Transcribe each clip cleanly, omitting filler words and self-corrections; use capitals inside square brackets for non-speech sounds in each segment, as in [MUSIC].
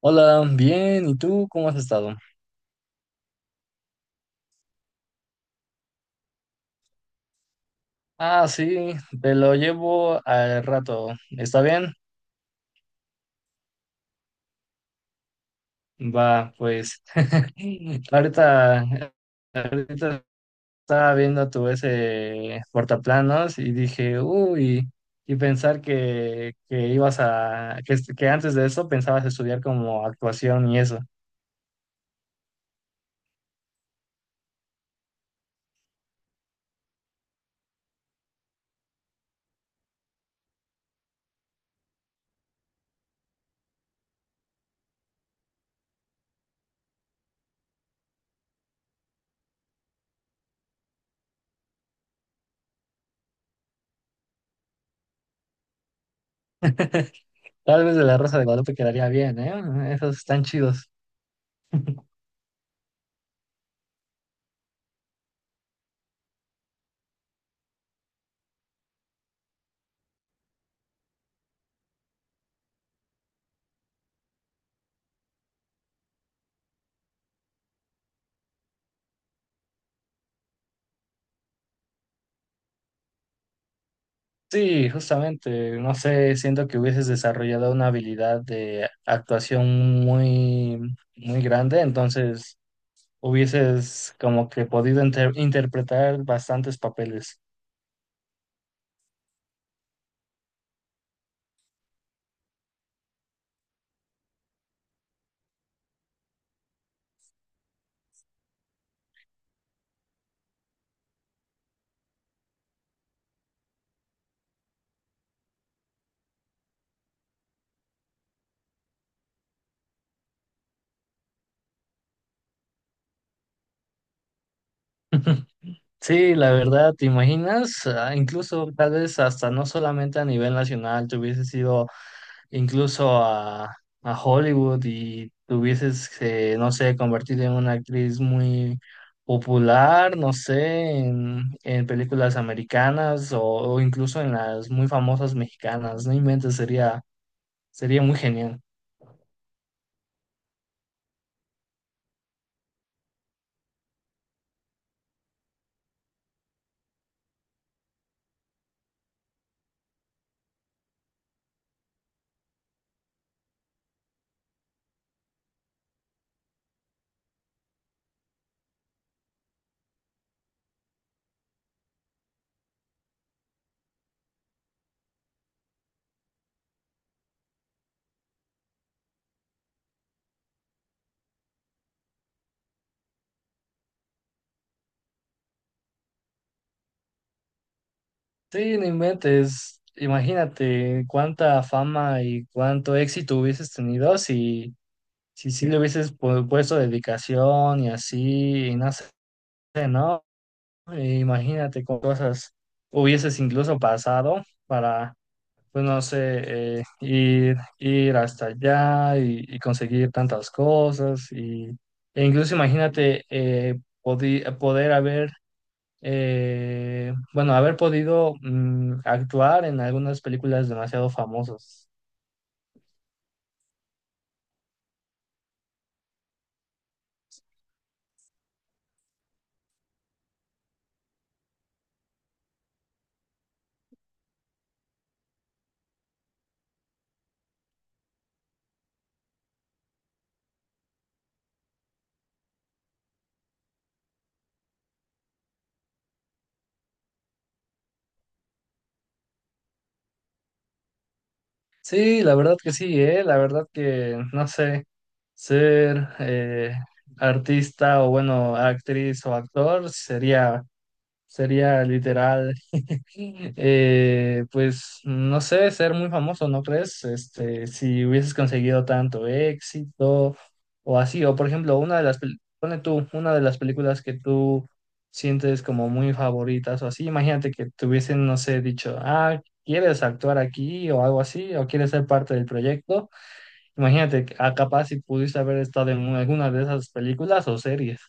Hola, bien, ¿y tú cómo has estado? Ah, sí, te lo llevo al rato. ¿Está bien? Va, pues. [LAUGHS] Ahorita, ahorita estaba viendo tu ese portaplanos y dije, uy, y pensar que ibas a, que antes de eso pensabas estudiar como actuación y eso. [LAUGHS] Tal vez de la Rosa de Guadalupe quedaría bien, ¿eh? Esos están chidos. Sí, justamente, no sé, siento que hubieses desarrollado una habilidad de actuación muy, muy grande, entonces hubieses como que podido interpretar bastantes papeles. Sí, la verdad, ¿te imaginas? Ah, incluso tal vez hasta no solamente a nivel nacional, te hubieses ido incluso a Hollywood y te hubieses, no sé, convertido en una actriz muy popular, no sé, en películas americanas o incluso en las muy famosas mexicanas. No inventes, sería, sería muy genial. Sí, no inventes. Imagínate cuánta fama y cuánto éxito hubieses tenido si, si sí le hubieses puesto dedicación y así, y no sé, ¿no? Imagínate con cosas hubieses incluso pasado para, pues no sé, ir, ir hasta allá y conseguir tantas cosas. Y, e incluso imagínate poder haber, bueno, haber podido actuar en algunas películas demasiado famosas. Sí, la verdad que sí, la verdad que, no sé, ser artista o bueno, actriz o actor sería. Sería literal, [LAUGHS] pues no sé, ser muy famoso, ¿no crees? Este, si hubieses conseguido tanto éxito o así, o por ejemplo, una de las, pone tú, una de las películas que tú sientes como muy favoritas o así, imagínate que te hubiesen, no sé, dicho, ah, ¿quieres actuar aquí o algo así? ¿O quieres ser parte del proyecto? Imagínate, que, ah, capaz si pudiste haber estado en alguna de esas películas o series.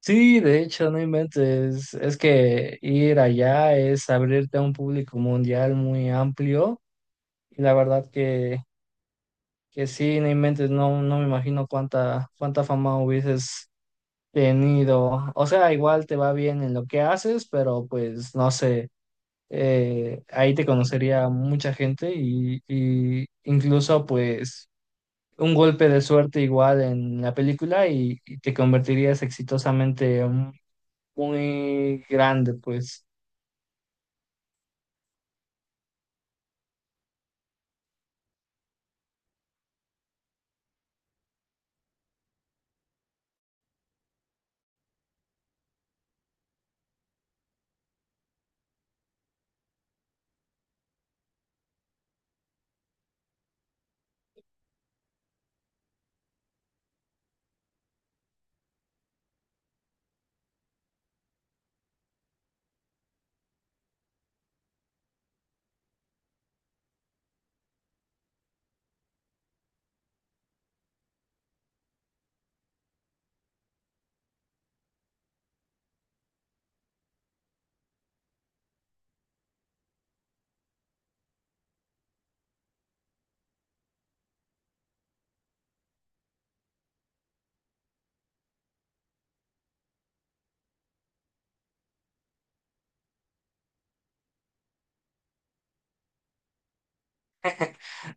Sí, de hecho, no inventes. Es que ir allá es abrirte a un público mundial muy amplio y la verdad que sí, no inventes, no, no me imagino cuánta, cuánta fama hubieses tenido. O sea, igual te va bien en lo que haces, pero pues no sé, ahí te conocería mucha gente y incluso pues un golpe de suerte igual en la película y te convertirías exitosamente muy grande, pues.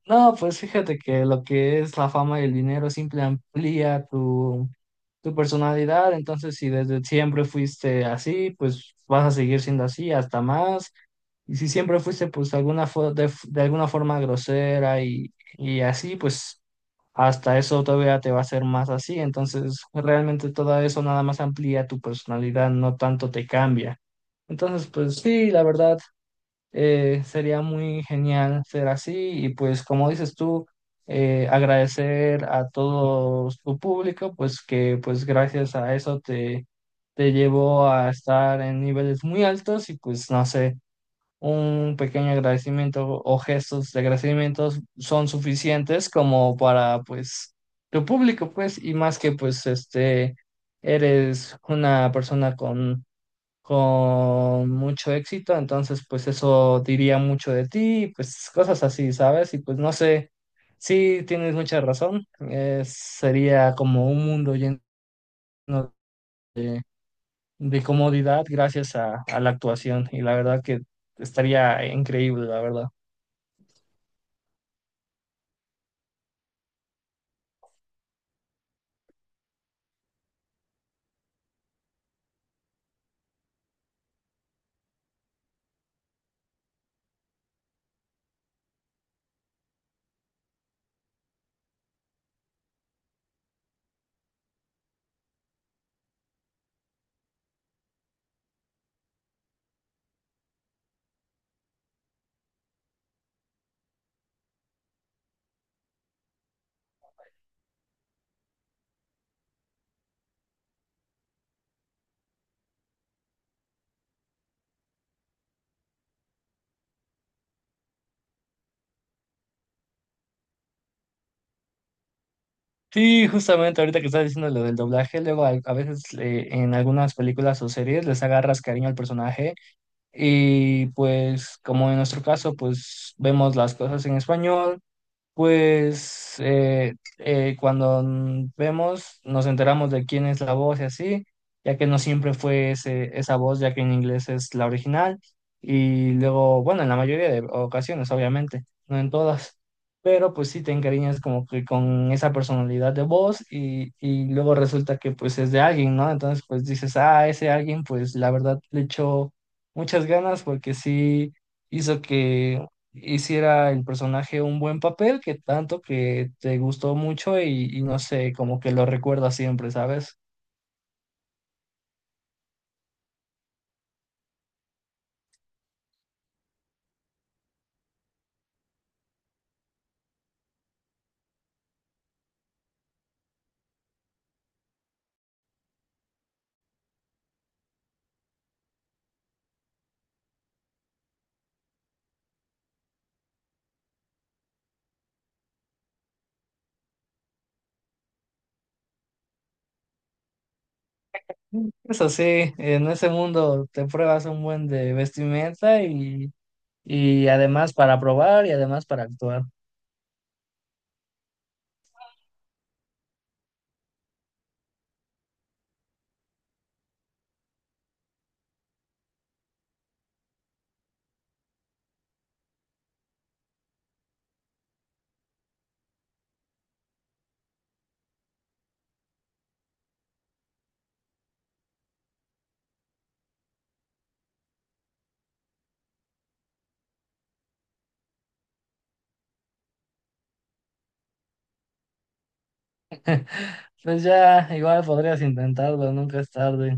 No, pues fíjate que lo que es la fama y el dinero siempre amplía tu, tu personalidad, entonces si desde siempre fuiste así, pues vas a seguir siendo así hasta más, y si siempre fuiste pues de alguna, de alguna forma grosera y así, pues hasta eso todavía te va a hacer más así, entonces realmente todo eso nada más amplía tu personalidad, no tanto te cambia. Entonces, pues sí, la verdad. Sería muy genial ser así y pues como dices tú, agradecer a todo tu público, pues que pues gracias a eso te, te llevó a estar en niveles muy altos y pues no sé, un pequeño agradecimiento o gestos de agradecimiento son suficientes como para pues tu público, pues y más que pues este, eres una persona con mucho éxito, entonces pues eso diría mucho de ti, pues cosas así, ¿sabes? Y pues no sé, sí tienes mucha razón, sería como un mundo lleno de, de comodidad gracias a la actuación y la verdad que estaría increíble, la verdad. Sí, justamente ahorita que estás diciendo lo del doblaje, luego a veces en algunas películas o series les agarras cariño al personaje y pues como en nuestro caso pues vemos las cosas en español. Pues cuando vemos, nos enteramos de quién es la voz y así, ya que no siempre fue ese, esa voz, ya que en inglés es la original. Y luego, bueno, en la mayoría de ocasiones, obviamente, no en todas, pero pues sí te encariñas como que con esa personalidad de voz y luego resulta que pues es de alguien, ¿no? Entonces pues dices, ah, ese alguien pues la verdad le echó muchas ganas porque sí hizo que hiciera el personaje un buen papel, que tanto que te gustó mucho y no sé, como que lo recuerdas siempre, ¿sabes? Eso sí, en ese mundo te pruebas un buen de vestimenta y además para probar y además para actuar. Pues ya, igual podrías intentarlo, nunca es tarde.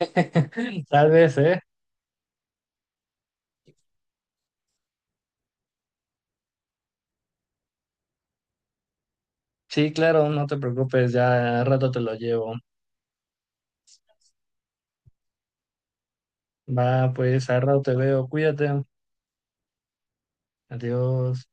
[LAUGHS] Tal vez, ¿eh? Sí, claro, no te preocupes, ya al rato te lo llevo. Va, pues al rato te veo, cuídate, adiós.